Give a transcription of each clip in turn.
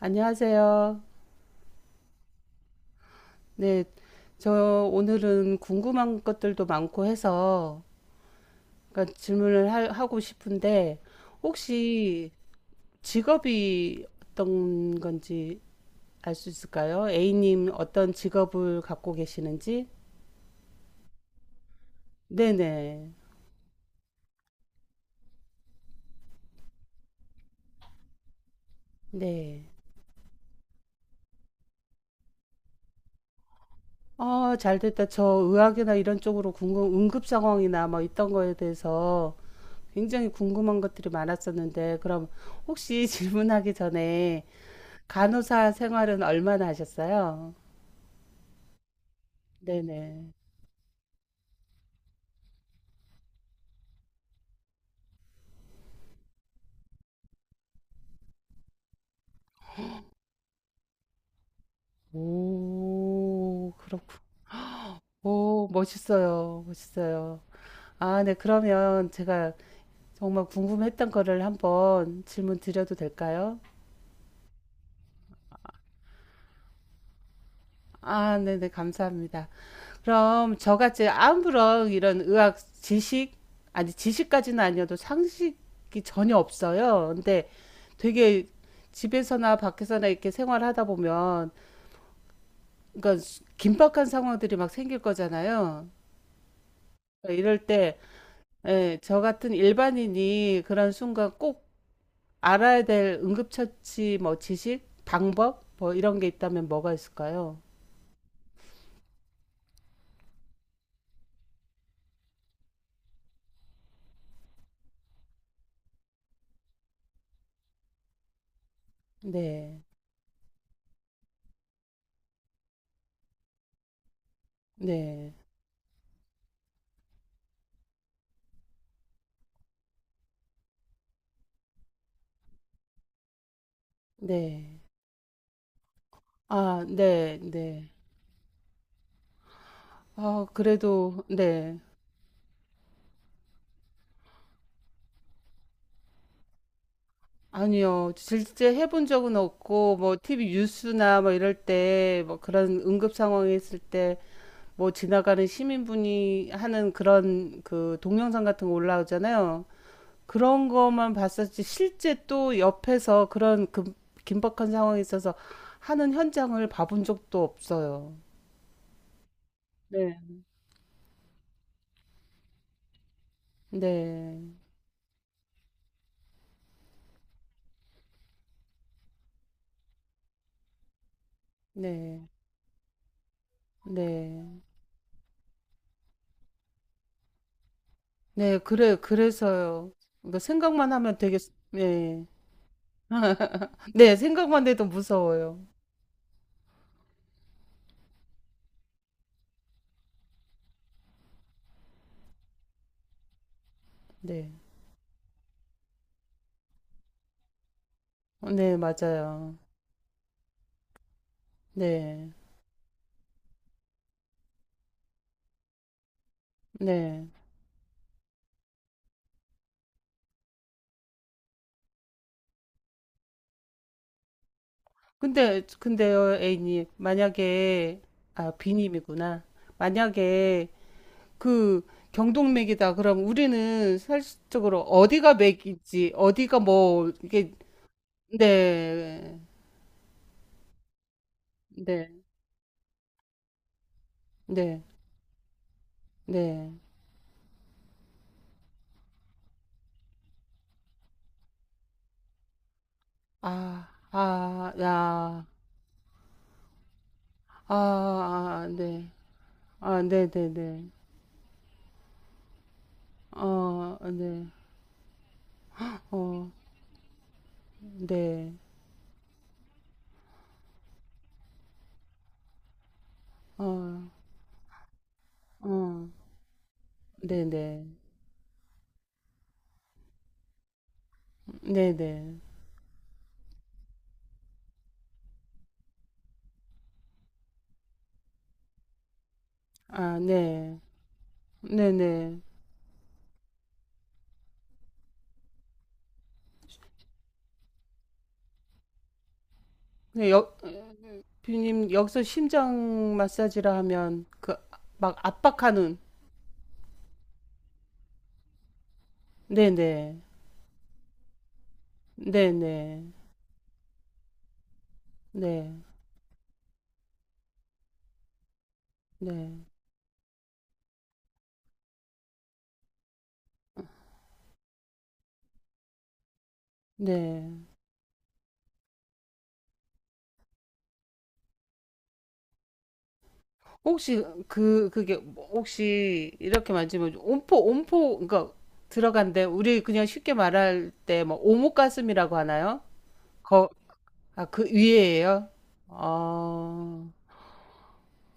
안녕하세요. 네, 저 오늘은 궁금한 것들도 많고 해서 그러니까 질문을 하고 싶은데 혹시 직업이 어떤 건지 알 수 있을까요? A님 어떤 직업을 갖고 계시는지? 네네. 네. 아, 잘 됐다. 저 의학이나 이런 쪽으로 응급 상황이나 뭐 있던 거에 대해서 굉장히 궁금한 것들이 많았었는데, 그럼 혹시 질문하기 전에 간호사 생활은 얼마나 하셨어요? 네네. 오, 그렇군. 오, 멋있어요. 멋있어요. 아, 네. 그러면 제가 정말 궁금했던 거를 한번 질문 드려도 될까요? 아, 네네. 감사합니다. 그럼 저같이 아무런 이런 의학 지식, 아니, 지식까지는 아니어도 상식이 전혀 없어요. 근데 되게 집에서나 밖에서나 이렇게 생활하다 보면 그러니까 긴박한 상황들이 막 생길 거잖아요. 그러니까 이럴 때, 예, 저 같은 일반인이 그런 순간 꼭 알아야 될 응급처치 뭐 지식, 방법 뭐 이런 게 있다면 뭐가 있을까요? 네, 네, 네. 아, 네, 네. 아, 그래도 네. 아니요. 실제 해본 적은 없고 뭐 TV 뉴스나 뭐 이럴 때 뭐 그런 응급 상황이 있을 때 뭐 지나가는 시민분이 하는 그런 그 동영상 같은 거 올라오잖아요. 그런 거만 봤었지 실제 또 옆에서 그런 그 긴박한 상황에 있어서 하는 현장을 봐본 적도 없어요. 네. 네. 네. 네. 네. 그래 그래서요. 그러니까 생각만 하면 되게 네. 네, 생각만 해도 무서워요. 네. 어, 네, 맞아요. 네. 네. 근데요, A님 만약에 아 B님이구나. 만약에 그 경동맥이다. 그럼 우리는 사실적으로 어디가 맥이지, 어디가 뭐 이게 네, 네, 네, 네. 아, 아, 야, 아, 아, 네, 아, 네, 네, 네. 어, 네, 어, 네, 어, 어, 네, 네, 네, 네. 아, 네, 네, 네. 네, 여, 뷰님 여기서 심장 마사지라 하면 그 막 압박하는 네네 네네 네네 네 네. 혹시 그 그게 혹시 이렇게 만지면 온포 그러니까 들어간데 우리 그냥 쉽게 말할 때 뭐 오목가슴이라고 하나요? 거 아 그 위에예요? 아,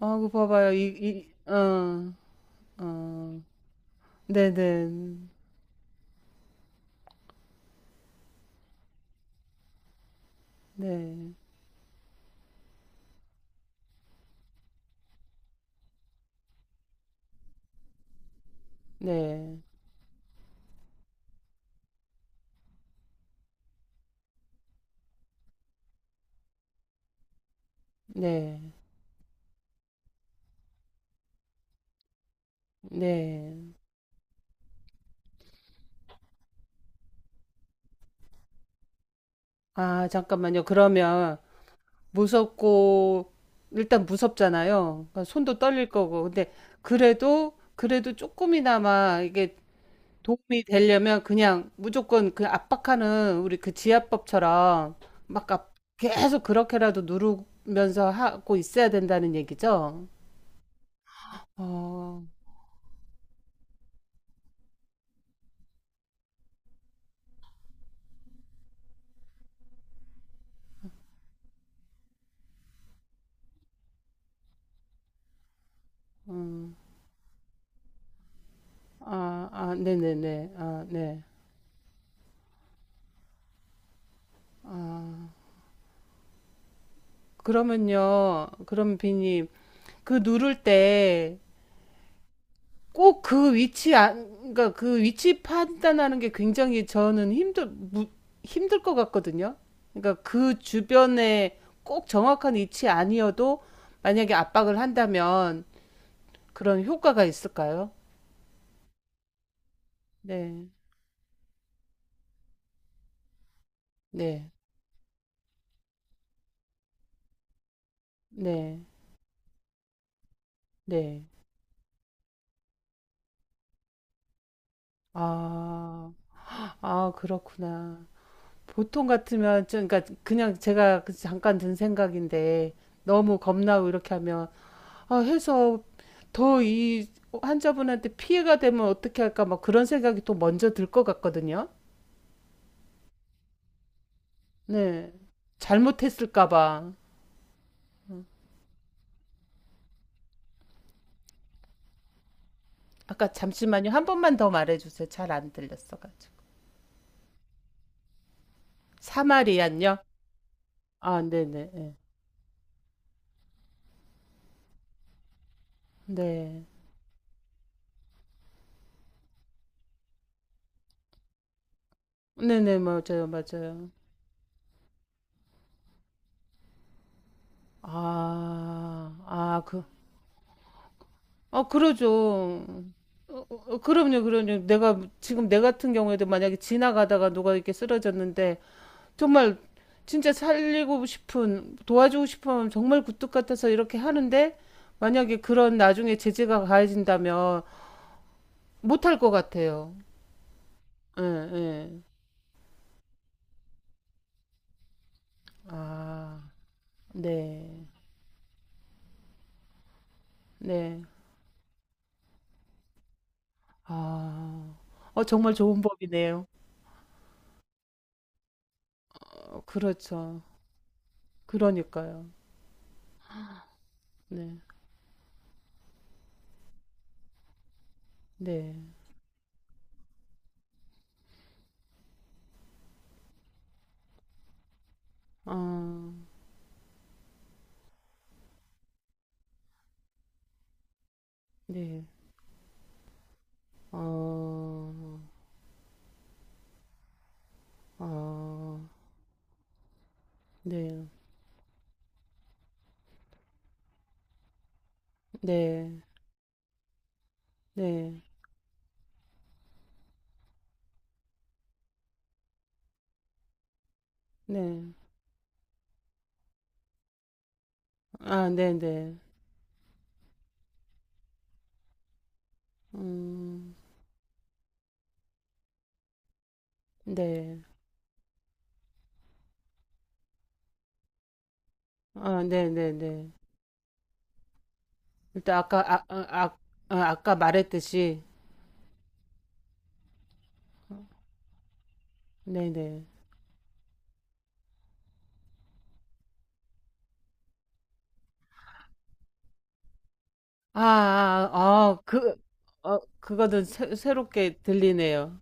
아, 그 봐봐요 이, 이, 어, 어, 네네 네 네, 네. 네. 아, 잠깐만요. 그러면 무섭고 일단 무섭잖아요. 그러니까 손도 떨릴 거고. 근데 그래도 그래도 조금이나마 이게 도움이 되려면 그냥 무조건 그 압박하는 우리 그 지압법처럼 막 계속 그렇게라도 누르면서 하고 있어야 된다는 얘기죠. 어, 음, 아, 아, 네네네. 아, 네. 아, 그러면요. 그럼 비님, 그 누를 때 꼭 그 위치 안 그러니까 그 위치 판단하는 게 굉장히 저는 힘들 것 같거든요. 그러니까 그 주변에 꼭 정확한 위치 아니어도 만약에 압박을 한다면 그런 효과가 있을까요? 네. 네. 네. 네. 아. 아, 그렇구나. 보통 같으면 좀 그러니까 그냥 제가 그 잠깐 든 생각인데 너무 겁나고 이렇게 하면 아, 해서 더 이 환자분한테 피해가 되면 어떻게 할까 막 그런 생각이 또 먼저 들 것 같거든요. 네. 잘못했을까 봐. 음. 아까 잠시만요. 한 번만 더 말해 주세요. 잘 안 들렸어 가지고. 사마리안요? 아, 네네. 네. 네. 네네, 맞아요, 맞아요. 아, 아, 그, 아, 그러죠. 어, 어, 그럼요, 그럼요. 내가, 지금 내 같은 경우에도 만약에 지나가다가 누가 이렇게 쓰러졌는데, 정말 진짜 살리고 싶은, 도와주고 싶으면 정말 굴뚝 같아서 이렇게 하는데 만약에 그런 나중에 제재가 가해진다면 못 할 것 같아요. 예, 예. 아, 네, 네. 아, 어, 정말 좋은 법이네요. 어, 그렇죠. 그러니까요. 네, 네. 아, 네. 어, 어, 네, 네, 네, 네. 아, 네, 네. 음. 네. 아, 네네네. 일단 아까 아, 아, 아, 아, 아까 말했듯이 네네. 아, 아, 아, 그, 어, 그거는 새롭게 들리네요.